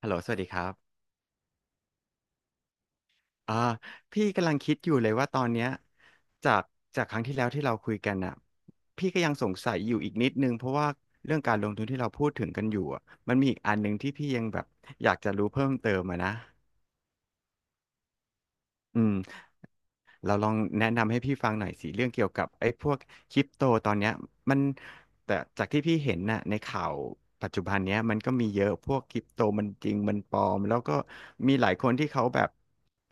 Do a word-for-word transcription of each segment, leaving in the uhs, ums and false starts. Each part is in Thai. ฮัลโหลสวัสดีครับอ่าพี่กำลังคิดอยู่เลยว่าตอนเนี้ยจากจากครั้งที่แล้วที่เราคุยกันอ่ะพี่ก็ยังสงสัยอยู่อีกนิดนึงเพราะว่าเรื่องการลงทุนที่เราพูดถึงกันอยู่อ่ะมันมีอีกอันหนึ่งที่พี่ยังแบบอยากจะรู้เพิ่มเติมอะนะอืม เราลองแนะนำให้พี่ฟังหน่อยสิเรื่องเกี่ยวกับไอ้พวกคริปโตตอนเนี้ยมันแต่จากที่พี่เห็นน่ะในข่าวปัจจุบันเนี้ยมันก็มีเยอะพวกคริปโตมันจริงมันปลอมแล้วก็มีหลายคนที่เขาแบบ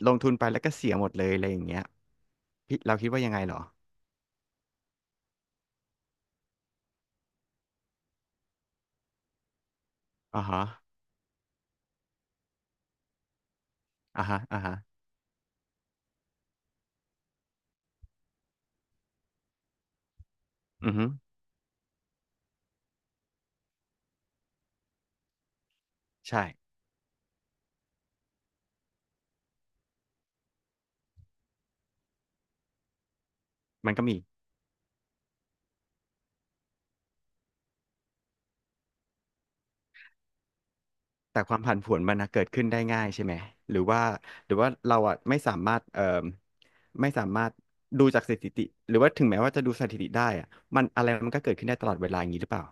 ลงทุนไปแล้วก็เสียหมดเลยอะไรอย่างเงี้ยพี่เราคิดว่ายังไงเหรออ่าฮะอ่าฮะอ่าฮะอือฮึใช่มันก็มี แต่ความผันผวนมันนะเกิดขึ้นได้ง่ายใช่ไหมหรือว่าหรือว่าเราอ่ะไม่สามารถเอ่อไม่สามารถดูจากสถิติหรือว่าถึงแม้ว่าจะดูสถิติได้อ่ะมันอะไรมันก็เกิดขึ้นได้ตลอดเวลาอย่างนี้หรือเปล่า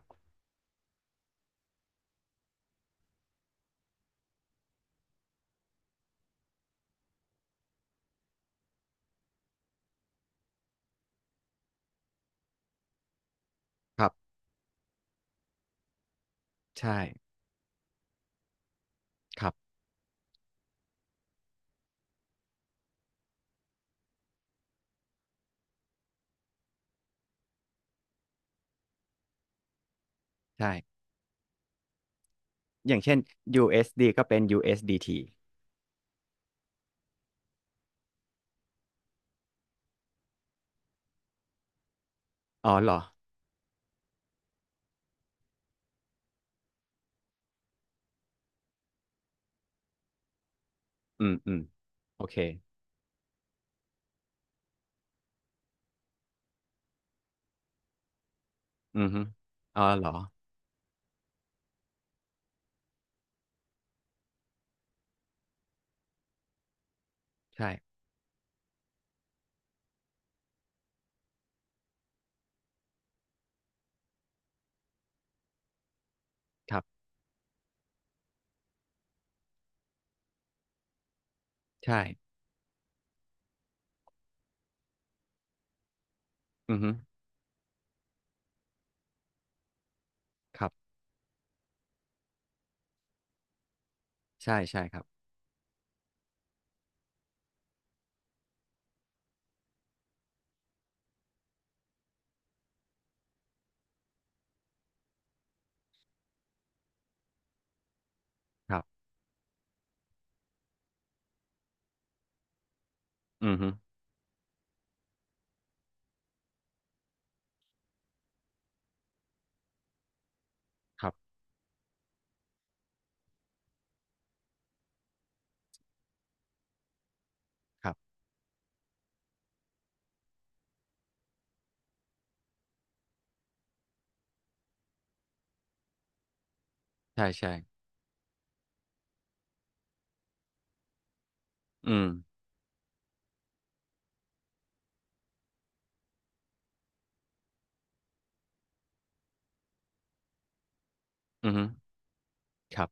ครับใช่ครับใช่อย่างเช่น ยู เอส ดี ก็เป็น ยู เอส ดี ที อสดีทีอ๋อเหรออืมอืมโอเคอือฮึอ๋อเหรอใช่ครับใช่อือฮึครับใช่ใช่ครับครับอือฮึครับครับใช่ใช่อืมอือฮึครับ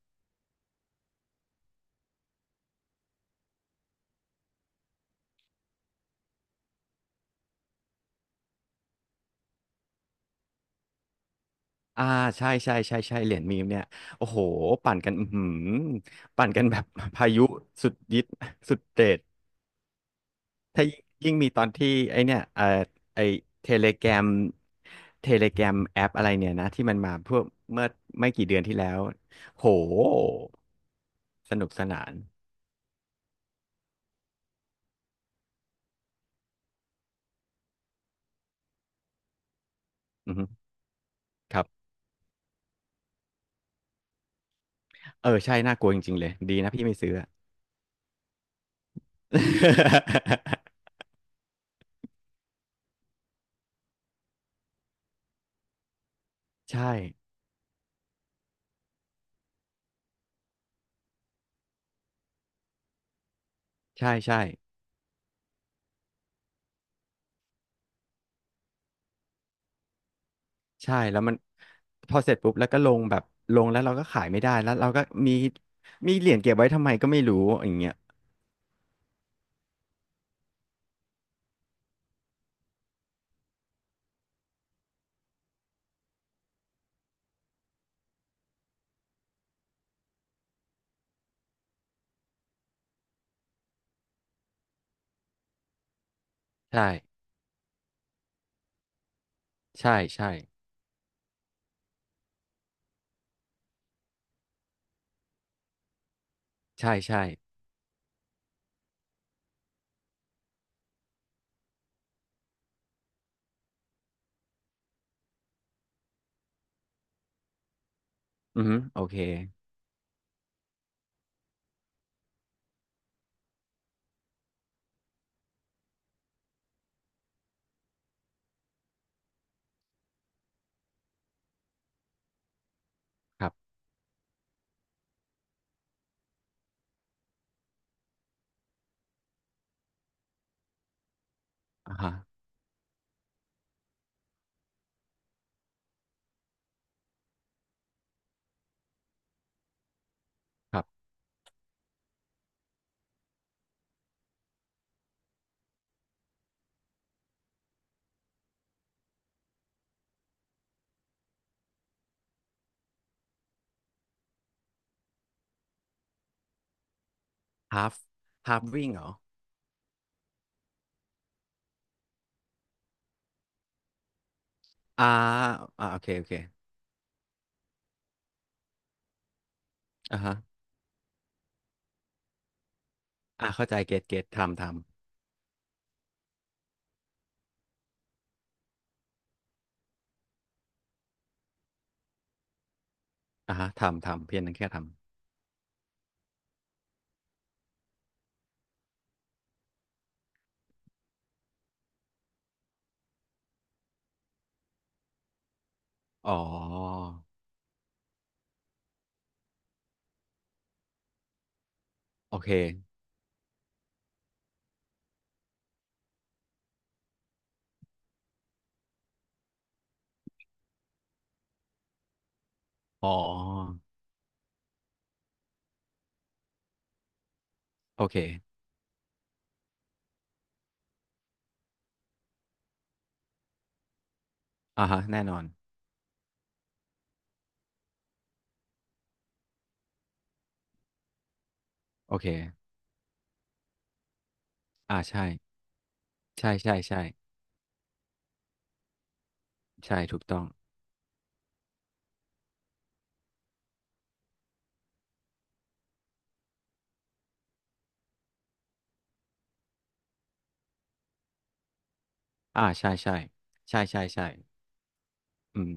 อ่าใช่ใช่ใช่ใช่เหรียญมีมเนี่ยโอ้โหปั่นกันอือหือปั่นกันแบบ พายุสุดยิดสุดเด็ดถ้ายิ่งมีตอนที่ไอเนี่ยเอ่อไอเทเลแกรมเทเลแกรมแอปอะไรเนี่ยนะที่มันมาเพื่อเมื่อไม่กี่เดือนที่แล้วโหสนุกสนานอือหือครับเออใช่น่ากลัวจริงๆเลยดีนะพี่ไม่ซื้ออะ ใช่ใช่ใช่ ใช่แล้วมันพอเสร็จปุ๊บแล้วก็ลงแบบลงแล้วเราก็ขายไม่ได้แล้วเราก็มีมีเหรียญเก็บไว้ทำไมก็ไม่รู้อย่างเงี้ยใช่ใช่ใช่ใช่ใช่อือฮึโอเคครับอ่าฮะครับฮาฟฮาฟวิ่งเหรออ่าอ่าโอเคโอเคอ่าฮะอ่าเข้าใจเกตเกตทำทำอ่าฮะทำทำเพียงนั้นแค่ทำอ๋อโอเคอ๋อโอเคอ่าฮะแน่นอนโอเคอ่าใช่ใช่ใช่ใช่ใช่ถูกต้อง อ่าใช่ใช่ใช่ใช่ใช่อืม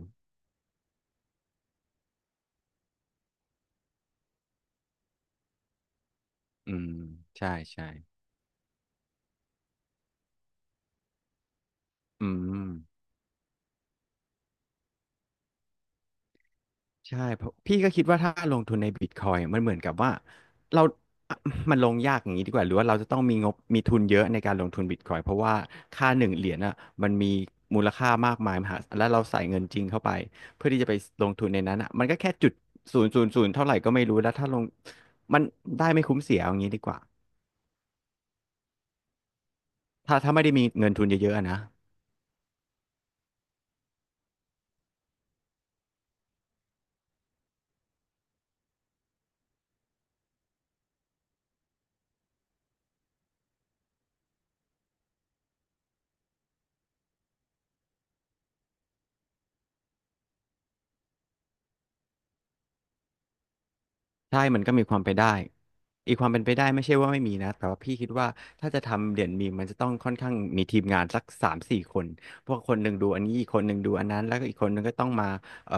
อืมใช่ใช่อืมใช่เพราะพี่ก็คิดว่าถ้าลงทุนในบิตคอยมันเหมือนกับว่าเราอ่ะมันลงยากอย่างนี้ดีกว่าหรือว่าเราจะต้องมีงบมีทุนเยอะในการลงทุนบิตคอยเพราะว่าค่าหนึ่งเหรียญอ่ะมันมีมูลค่ามากมายมหาศาลแล้วเราใส่เงินจริงเข้าไปเพื่อที่จะไปลงทุนในนั้นอ่ะมันก็แค่จุดศูนย์ศูนย์ศูนย์เท่าไหร่ก็ไม่รู้แล้วถ้าลงมันได้ไม่คุ้มเสียเอาอย่างนี้ดีกว่าถ้าถ้าไม่ได้มีเงินทุนเยอะๆอะนะ ใช่มันก็มีความไปนได้อีกความเป็นไปได้ไม่ใช่ว่าไม่มีนะแต่ว่าพี่คิดว่าถ้าจะทำเหรียญมีมมันจะต้องค่อนข้างมีทีมงานสักสามสี่คนพวกคนหนึ่งดูอันนี้อีกคนหนึ่งดูอันนั้นแล้วก็อีกคนหนึ่งก็ต้องมาเอ่อ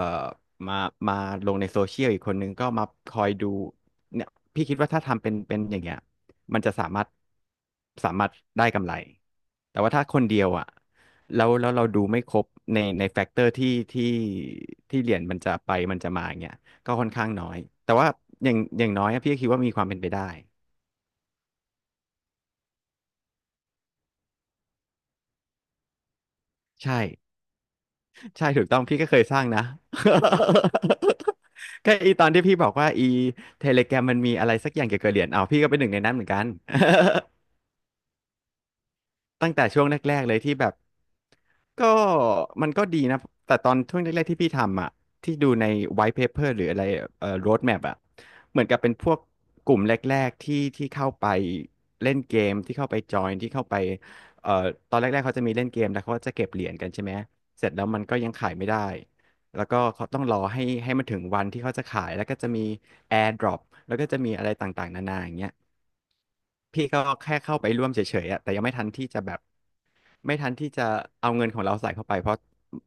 มามาลงในโซเชียลอีกคนหนึ่งก็มาคอยดูเนี่ยพี่คิดว่าถ้าทำเป็นเป็นอย่างเงี้ยมันจะสามารถสามารถได้กำไรแต่ว่าถ้าคนเดียวอ่ะแล้วแล้วเราดูไม่ครบในในแฟกเตอร์ที่ที่ที่เหรียญมันจะไปมันจะมาอย่างเงี้ย ก็ค่อนข้างน้อย แต่ว่าอย่างอย่างน้อยอะพี่ก็คิดว่ามีความเป็นไปได้ ใช่ใช่ถูกต้องพี่ก็เคยสร้างนะ ก็อีตอนที่พี่บอกว่าอีเทเลแกรมมันมีอะไรสักอย่างเกี่ยวกับเหรียญเอาพี่ก็เป็นหนึ่งในนั้นเหมือนกัน ตั้งแต่ช่วงแรกๆเลยที่แบบก็มันก็ดีนะแต่ตอนช่วงแรกๆที่พี่ทำอ่ะที่ดูใน white paper หรืออะไรเอ่อ road map อ่ะเหมือนกับเป็นพวกกลุ่มแรกๆที่ที่เข้าไปเล่นเกมที่เข้าไปจอยที่เข้าไปเอ่อตอนแรกๆเขาจะมีเล่นเกมแล้วเขาก็จะเก็บเหรียญกันใช่ไหมเสร็จแล้วมันก็ยังขายไม่ได้แล้วก็เขาต้องรอให้ให้มันถึงวันที่เขาจะขายแล้วก็จะมี air drop แล้วก็จะมีอะไรต่างๆนานาอย่างเงี้ยพี่ก็แค่เข้าไปร่วมเฉยๆอะแต่ยังไม่ทันที่จะแบบ ไม่ทันที่จะเอาเงินของเราใส่เข้าไปเพราะ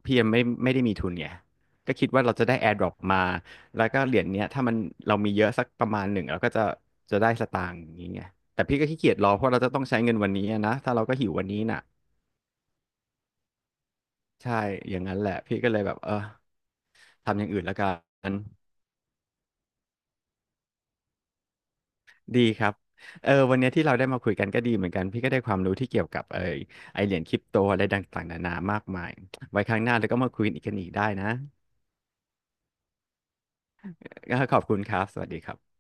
พี่ยังไม่ไม่ได้มีทุนไงก็คิดว่าเราจะได้ AirDrop มาแล้วก็เหรียญเนี้ยถ้ามันเรามีเยอะสักประมาณหนึ่งเราก็จะจะได้สตางค์อย่างนี้ไงแต่พี่ก็ขี้เกียจรอเพราะเราจะต้องใช้เงินวันนี้อะนะถ้าเราก็หิววันนี้น่ะใช่อย่างนั้นแหละพี่ก็เลยแบบเออทำอย่างอื่นแล้วกันดีครับเออวันเนี้ยที่เราได้มาคุยกันก็ดีเหมือนกันพี่ก็ได้ความรู้ที่เกี่ยวกับเออไอเหรียญคริปโตอะไรต่างๆนานามากมายไว้ครั้งหน้าเราก็มาคุยกันอีกได้นะก็ขอบคุณครับสวัสดีครับ